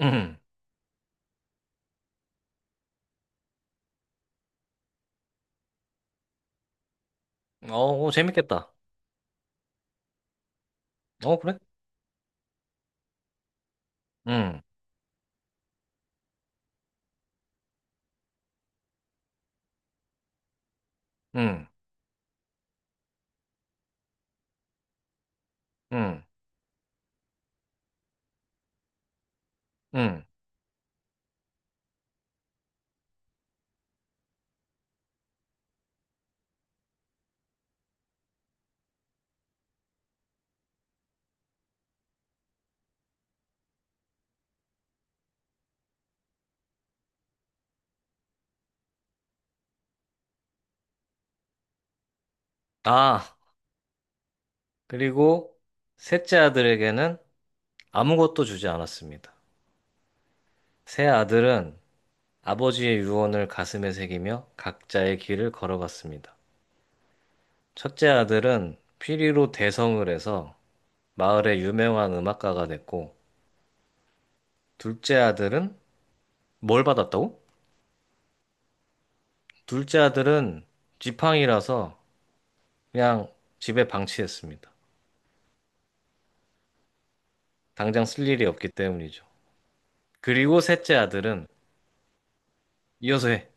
응. 오, 재밌겠다. 어, 그래? 응, 응, 응, 응. 아, 그리고 셋째 아들에게는 아무것도 주지 않았습니다. 세 아들은 아버지의 유언을 가슴에 새기며 각자의 길을 걸어갔습니다. 첫째 아들은 피리로 대성을 해서 마을의 유명한 음악가가 됐고, 둘째 아들은 뭘 받았다고? 둘째 아들은 지팡이라서 그냥 집에 방치했습니다. 당장 쓸 일이 없기 때문이죠. 그리고 셋째 아들은 이어서 해.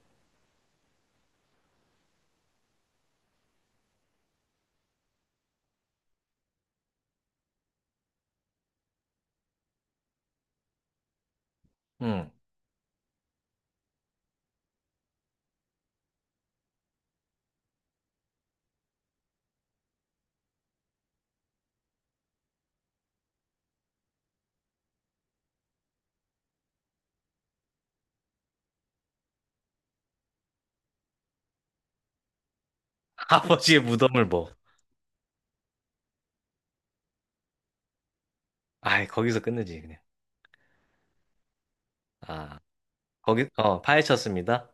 응. 아버지의 무덤을 뭐. 아이, 거기서 끝내지, 그냥. 아, 거기, 파헤쳤습니다.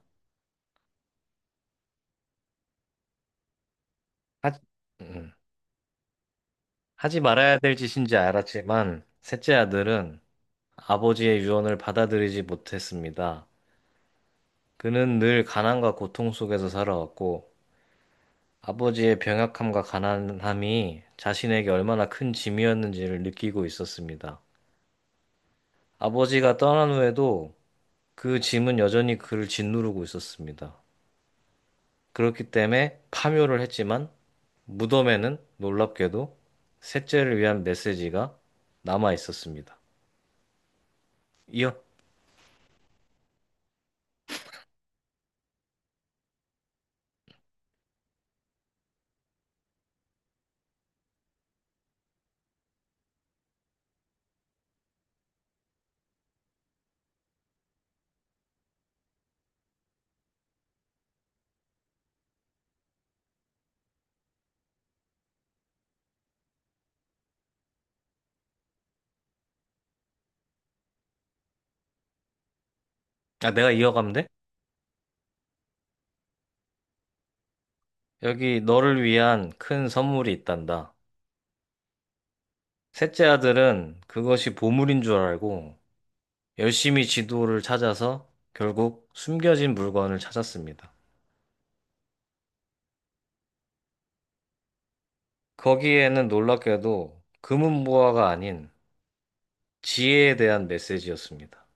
하지, 음, 하지 말아야 될 짓인지 알았지만, 셋째 아들은 아버지의 유언을 받아들이지 못했습니다. 그는 늘 가난과 고통 속에서 살아왔고, 아버지의 병약함과 가난함이 자신에게 얼마나 큰 짐이었는지를 느끼고 있었습니다. 아버지가 떠난 후에도 그 짐은 여전히 그를 짓누르고 있었습니다. 그렇기 때문에 파묘를 했지만 무덤에는 놀랍게도 셋째를 위한 메시지가 남아 있었습니다. 이어, 아, 내가 이어가면 돼? 여기 너를 위한 큰 선물이 있단다. 셋째 아들은 그것이 보물인 줄 알고 열심히 지도를 찾아서 결국 숨겨진 물건을 찾았습니다. 거기에는 놀랍게도 금은보화가 아닌 지혜에 대한 메시지였습니다.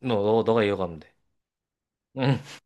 너, 너, 너가 이어가면 돼.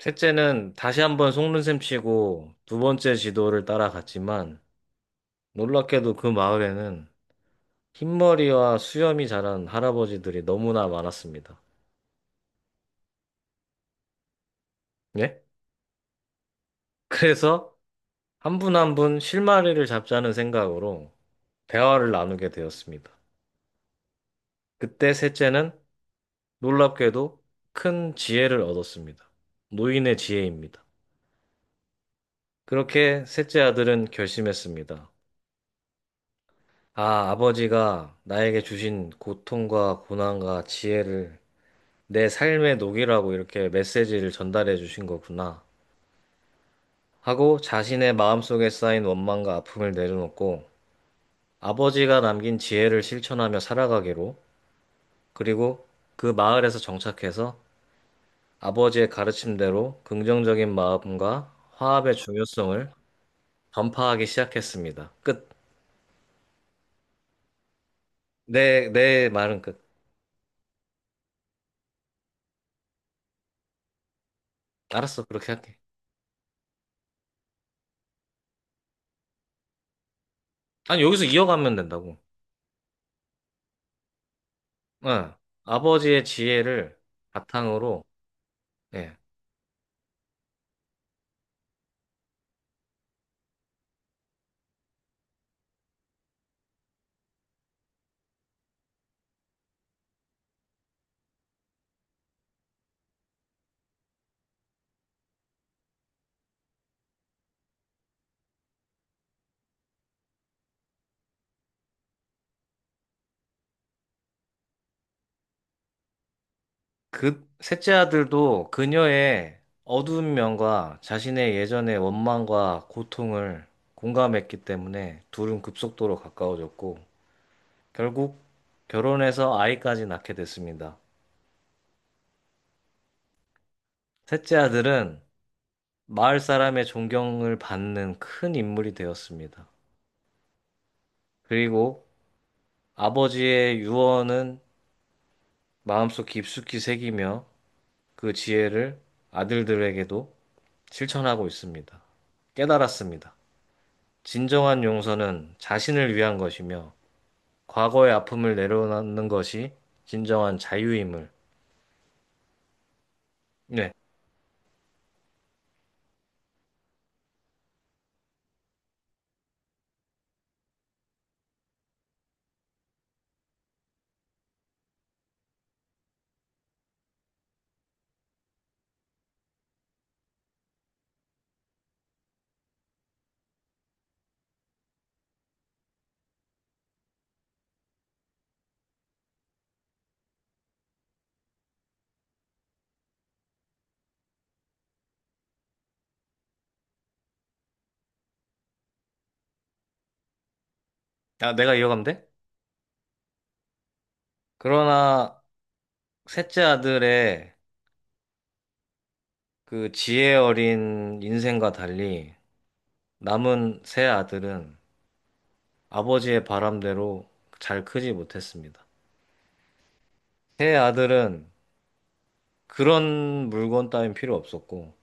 셋째는 다시 한번 속는셈 치고 두 번째 지도를 따라갔지만 놀랍게도 그 마을에는 흰머리와 수염이 자란 할아버지들이 너무나 많았습니다. 예? 그래서 한 분 한 분 실마리를 잡자는 생각으로 대화를 나누게 되었습니다. 그때 셋째는 놀랍게도 큰 지혜를 얻었습니다. 노인의 지혜입니다. 그렇게 셋째 아들은 결심했습니다. 아, 아버지가 나에게 주신 고통과 고난과 지혜를 내 삶의 녹이라고 이렇게 메시지를 전달해 주신 거구나. 하고 자신의 마음속에 쌓인 원망과 아픔을 내려놓고 아버지가 남긴 지혜를 실천하며 살아가기로 그리고 그 마을에서 정착해서 아버지의 가르침대로 긍정적인 마음과 화합의 중요성을 전파하기 시작했습니다. 끝. 내, 내 말은 끝. 알았어, 그렇게 할게. 아니, 여기서 이어가면 된다고. 예, 아버지의 지혜를 바탕으로, 예, 그 셋째 아들도 그녀의 어두운 면과 자신의 예전의 원망과 고통을 공감했기 때문에 둘은 급속도로 가까워졌고, 결국 결혼해서 아이까지 낳게 됐습니다. 셋째 아들은 마을 사람의 존경을 받는 큰 인물이 되었습니다. 그리고 아버지의 유언은 마음속 깊숙이 새기며 그 지혜를 아들들에게도 실천하고 있습니다. 깨달았습니다. 진정한 용서는 자신을 위한 것이며, 과거의 아픔을 내려놓는 것이 진정한 자유임을. 네. 아, 내가 이어가면 돼? 그러나, 셋째 아들의 그 지혜 어린 인생과 달리, 남은 세 아들은 아버지의 바람대로 잘 크지 못했습니다. 세 아들은 그런 물건 따윈 필요 없었고,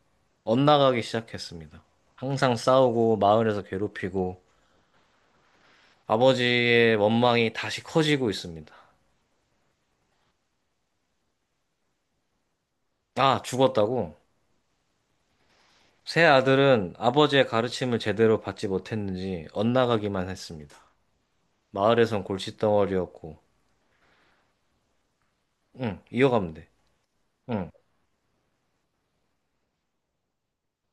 엇나가기 시작했습니다. 항상 싸우고, 마을에서 괴롭히고, 아버지의 원망이 다시 커지고 있습니다. 아, 죽었다고? 새 아들은 아버지의 가르침을 제대로 받지 못했는지 엇나가기만 했습니다. 마을에선 골칫덩어리였고, 응, 이어가면 돼. 응.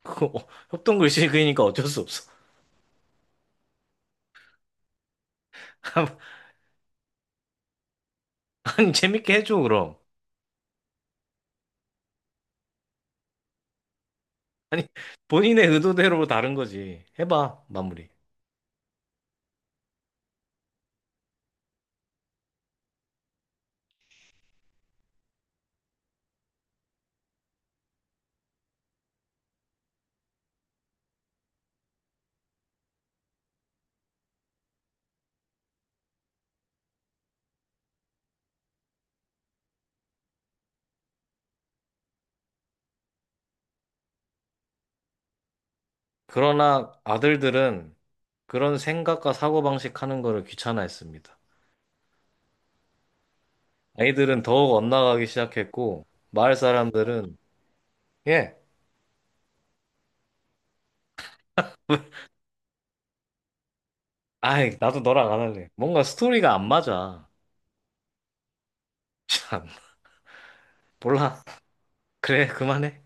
그거, 협동 글씨 그리니까 어쩔 수 없어. 아니, 재밌게 해줘, 그럼. 아니, 본인의 의도대로 다른 거지. 해봐, 마무리. 그러나 아들들은 그런 생각과 사고방식 하는 거를 귀찮아했습니다. 아이들은 더욱 엇나가기 시작했고, 마을 사람들은, 예, 아이, 나도 너랑 안 할래. 뭔가 스토리가 안 맞아. 참, 몰라. 그래, 그만해.